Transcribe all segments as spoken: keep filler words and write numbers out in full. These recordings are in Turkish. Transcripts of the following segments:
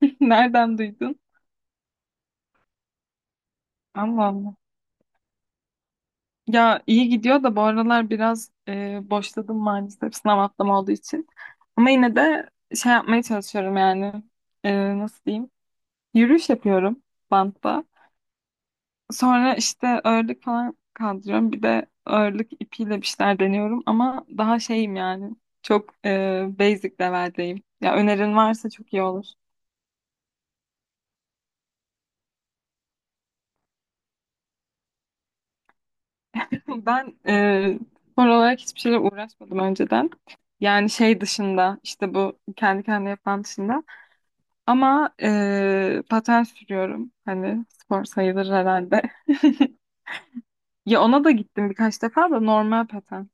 Nereden duydun? Allah Allah. Ya iyi gidiyor da bu aralar biraz e, boşladım maalesef sınav haftam olduğu için. Ama yine de şey yapmaya çalışıyorum yani. E, nasıl diyeyim? Yürüyüş yapıyorum bantta. Sonra işte ağırlık falan kaldırıyorum. Bir de ağırlık ipiyle bir şeyler deniyorum. Ama daha şeyim yani. Çok e, basic level'deyim. Ya önerin varsa çok iyi olur. Ben e, spor olarak hiçbir şeyle uğraşmadım önceden. Yani şey dışında işte bu kendi kendine yapan dışında. Ama e, paten sürüyorum. Hani spor sayılır herhalde. Ya ona da gittim birkaç defa da normal paten.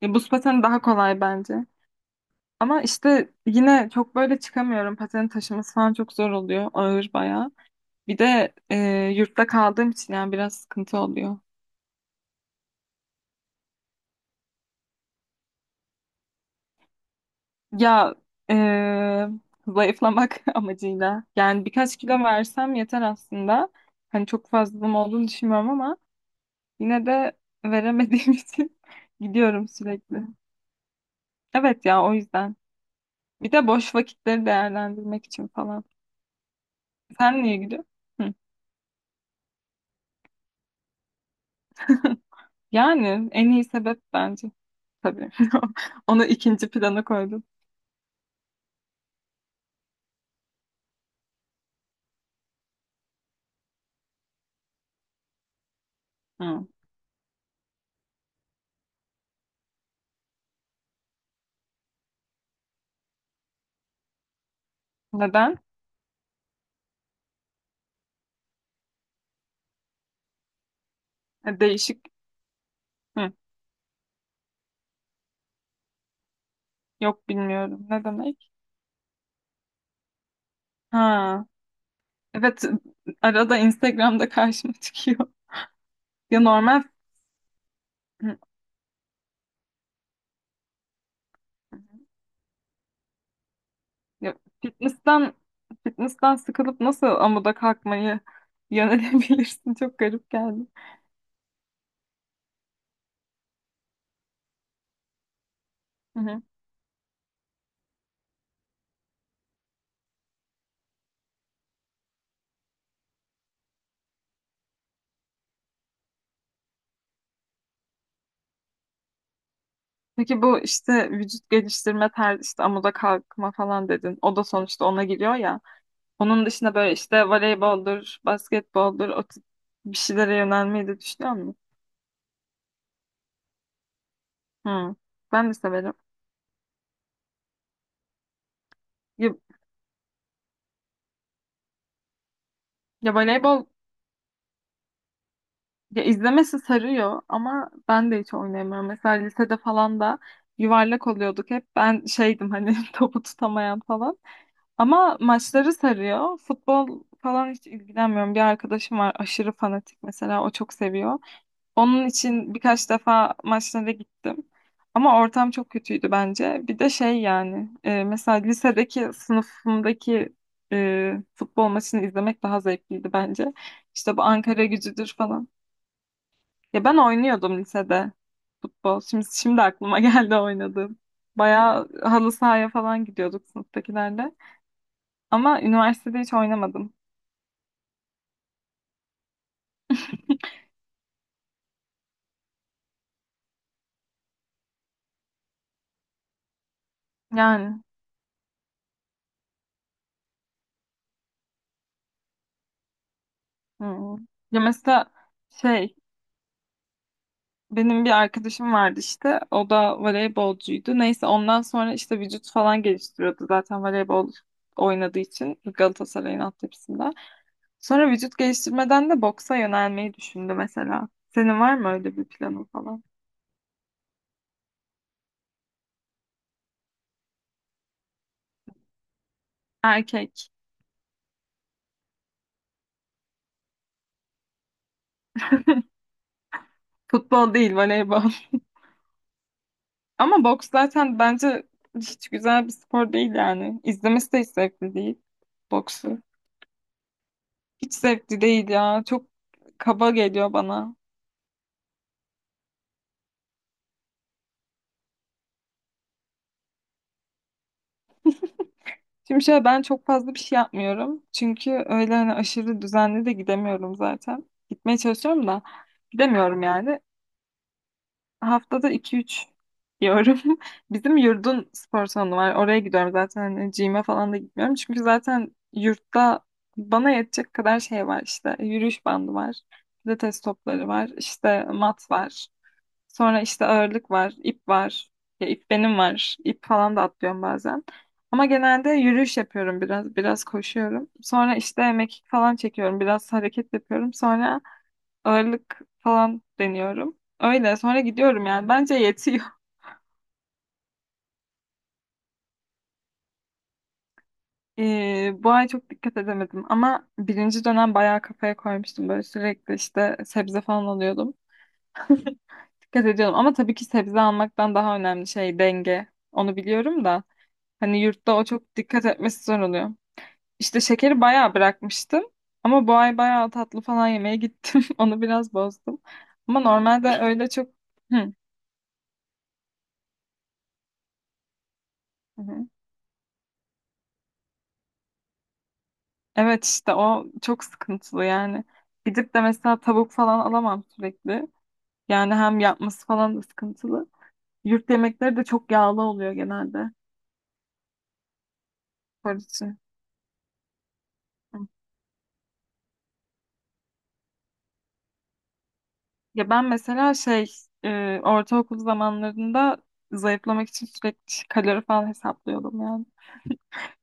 Ya buz pateni daha kolay bence. Ama işte yine çok böyle çıkamıyorum. Patenin taşıması falan çok zor oluyor. Ağır bayağı. Bir de e, yurtta kaldığım için yani biraz sıkıntı oluyor. Ya eee, zayıflamak amacıyla. Yani birkaç kilo versem yeter aslında. Hani çok fazlalığım olduğunu düşünmüyorum ama yine de veremediğim için gidiyorum sürekli. Evet ya, o yüzden. Bir de boş vakitleri değerlendirmek için falan. Sen niye gidiyorsun? Hı. Yani en iyi sebep bence. Tabii. Onu ikinci plana koydum. Hı. Neden? E, Değişik. Hı. Yok, bilmiyorum. Ne demek? Ha. Evet, arada Instagram'da karşıma çıkıyor. Ya normal, ya fitness'ten fitness'ten sıkılıp nasıl amuda kalkmayı yönelebilirsin? Çok garip geldi. Hı hı. Peki bu işte vücut geliştirme tarzı işte amuda kalkma falan dedin. O da sonuçta ona giriyor ya. Onun dışında böyle işte voleyboldur, basketboldur, o tip bir şeylere yönelmeyi de düşünüyor musun? Hı. Ben de severim. Ya, ya voleybol. Ya, izlemesi sarıyor ama ben de hiç oynayamıyorum. Mesela lisede falan da yuvarlak oluyorduk hep. Ben şeydim hani topu tutamayan falan. Ama maçları sarıyor. Futbol falan hiç ilgilenmiyorum. Bir arkadaşım var aşırı fanatik, mesela o çok seviyor. Onun için birkaç defa maçlara gittim. Ama ortam çok kötüydü bence. Bir de şey yani e, mesela lisedeki sınıfımdaki e, futbol maçını izlemek daha zevkliydi bence. İşte bu Ankara gücüdür falan. Ya ben oynuyordum lisede futbol. Şimdi şimdi aklıma geldi, oynadım. Bayağı halı sahaya falan gidiyorduk sınıftakilerle. Ama üniversitede hiç oynamadım. Yani, hmm. Ya mesela şey, benim bir arkadaşım vardı işte. O da voleybolcuydu. Neyse, ondan sonra işte vücut falan geliştiriyordu zaten, voleybol oynadığı için Galatasaray'ın altyapısında. Sonra vücut geliştirmeden de boksa yönelmeyi düşündü mesela. Senin var mı öyle bir planın falan? Erkek. Futbol değil, voleybol. Ama boks zaten bence hiç güzel bir spor değil yani. İzlemesi de hiç zevkli değil boksu. Hiç zevkli değil ya. Çok kaba geliyor bana. Şimdi şöyle, ben çok fazla bir şey yapmıyorum. Çünkü öyle hani aşırı düzenli de gidemiyorum zaten. Gitmeye çalışıyorum da gidemiyorum yani. Haftada iki üç diyorum. Bizim yurdun spor salonu var. Oraya gidiyorum zaten. Hani gym'e falan da gitmiyorum. Çünkü zaten yurtta bana yetecek kadar şey var işte. Yürüyüş bandı var. Pilates topları var. İşte mat var. Sonra işte ağırlık var. İp var. Ya, ip benim var. İp falan da atlıyorum bazen. Ama genelde yürüyüş yapıyorum biraz. Biraz koşuyorum. Sonra işte mekik falan çekiyorum. Biraz hareket yapıyorum. Sonra ağırlık falan deniyorum. Öyle, sonra gidiyorum yani. Bence yetiyor. Ee, bu ay çok dikkat edemedim ama birinci dönem bayağı kafaya koymuştum. Böyle sürekli işte sebze falan alıyordum. Dikkat ediyordum ama tabii ki sebze almaktan daha önemli şey denge. Onu biliyorum da hani yurtta o çok dikkat etmesi zor oluyor. İşte şekeri bayağı bırakmıştım ama bu ay bayağı tatlı falan yemeye gittim. Onu biraz bozdum. Ama normalde öyle çok... Hı. Evet, işte o çok sıkıntılı yani. Gidip de mesela tavuk falan alamam sürekli. Yani hem yapması falan da sıkıntılı. Yurt yemekleri de çok yağlı oluyor genelde. Barışçı. Ya ben mesela şey, e, ortaokul zamanlarında zayıflamak için sürekli kalori falan hesaplıyordum yani.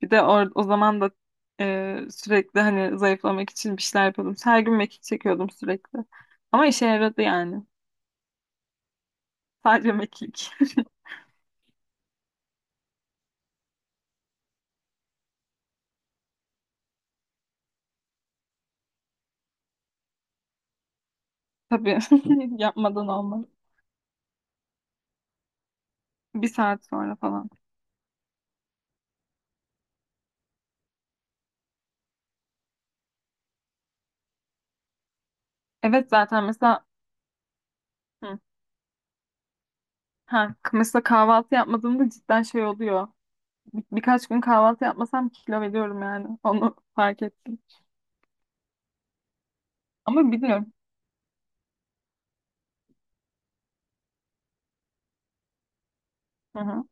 Bir de or o zaman da e, sürekli hani zayıflamak için bir şeyler yapıyordum. Her gün mekik çekiyordum sürekli. Ama işe yaradı yani. Sadece mekik. Tabii, yapmadan olmaz. Bir saat sonra falan. Evet, zaten mesela hı, ha, k- mesela kahvaltı yapmadığımda cidden şey oluyor. Bir- birkaç gün kahvaltı yapmasam kilo veriyorum yani. Onu fark ettim. Ama bilmiyorum. Hı hı.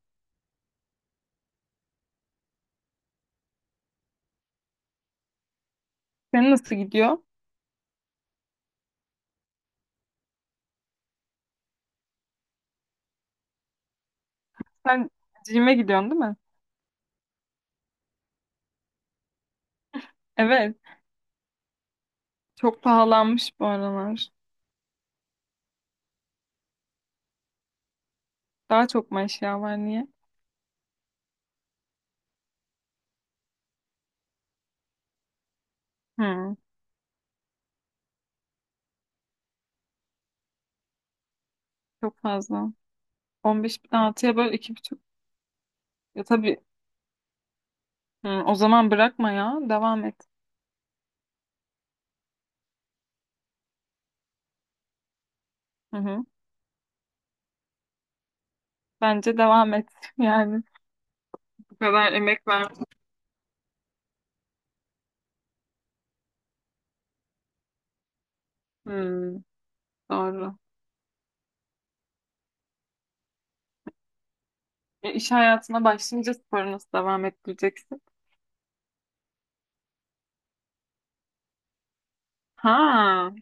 Senin nasıl gidiyor? Sen gym'e gidiyorsun değil mi? Evet. Çok pahalanmış bu aralar. Daha çok mu eşya var, niye? Hı, çok fazla. on beş bin altıya böyle iki buçuk. Ya tabii, hı, o zaman bırakma ya. Devam et. Hı hı. Bence devam et. Yani bu kadar emek ver. Hı. Doğru. E, iş hayatına başlayınca sporu nasıl devam ettireceksin? Ha.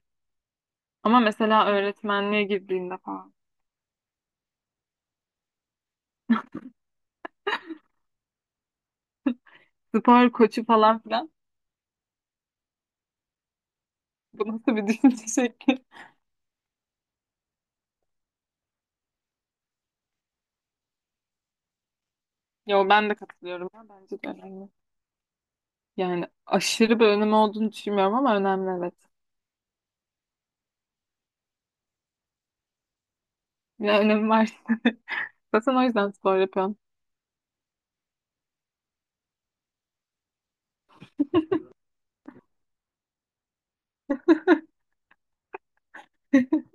Ama mesela öğretmenliğe girdiğinde falan. Spor koçu falan filan. Bu nasıl bir düşünce şekli? Yo, ben de katılıyorum ya. Bence de önemli. Yani aşırı bir önemi olduğunu düşünmüyorum ama önemli, evet. Ya, önemi var. Zaten o yüzden spor yapıyorum.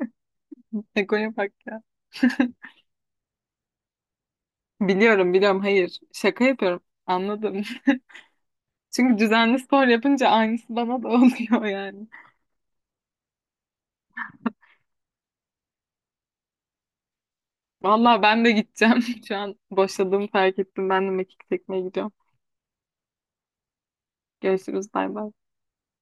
Egoya bak ya. Biliyorum, biliyorum, hayır. Şaka yapıyorum. Anladım. Çünkü düzenli spor yapınca aynısı bana da oluyor yani. Vallahi ben de gideceğim. Şu an boşladığımı fark ettim. Ben de mekik çekmeye gidiyorum. Görüşürüz. Bay bay.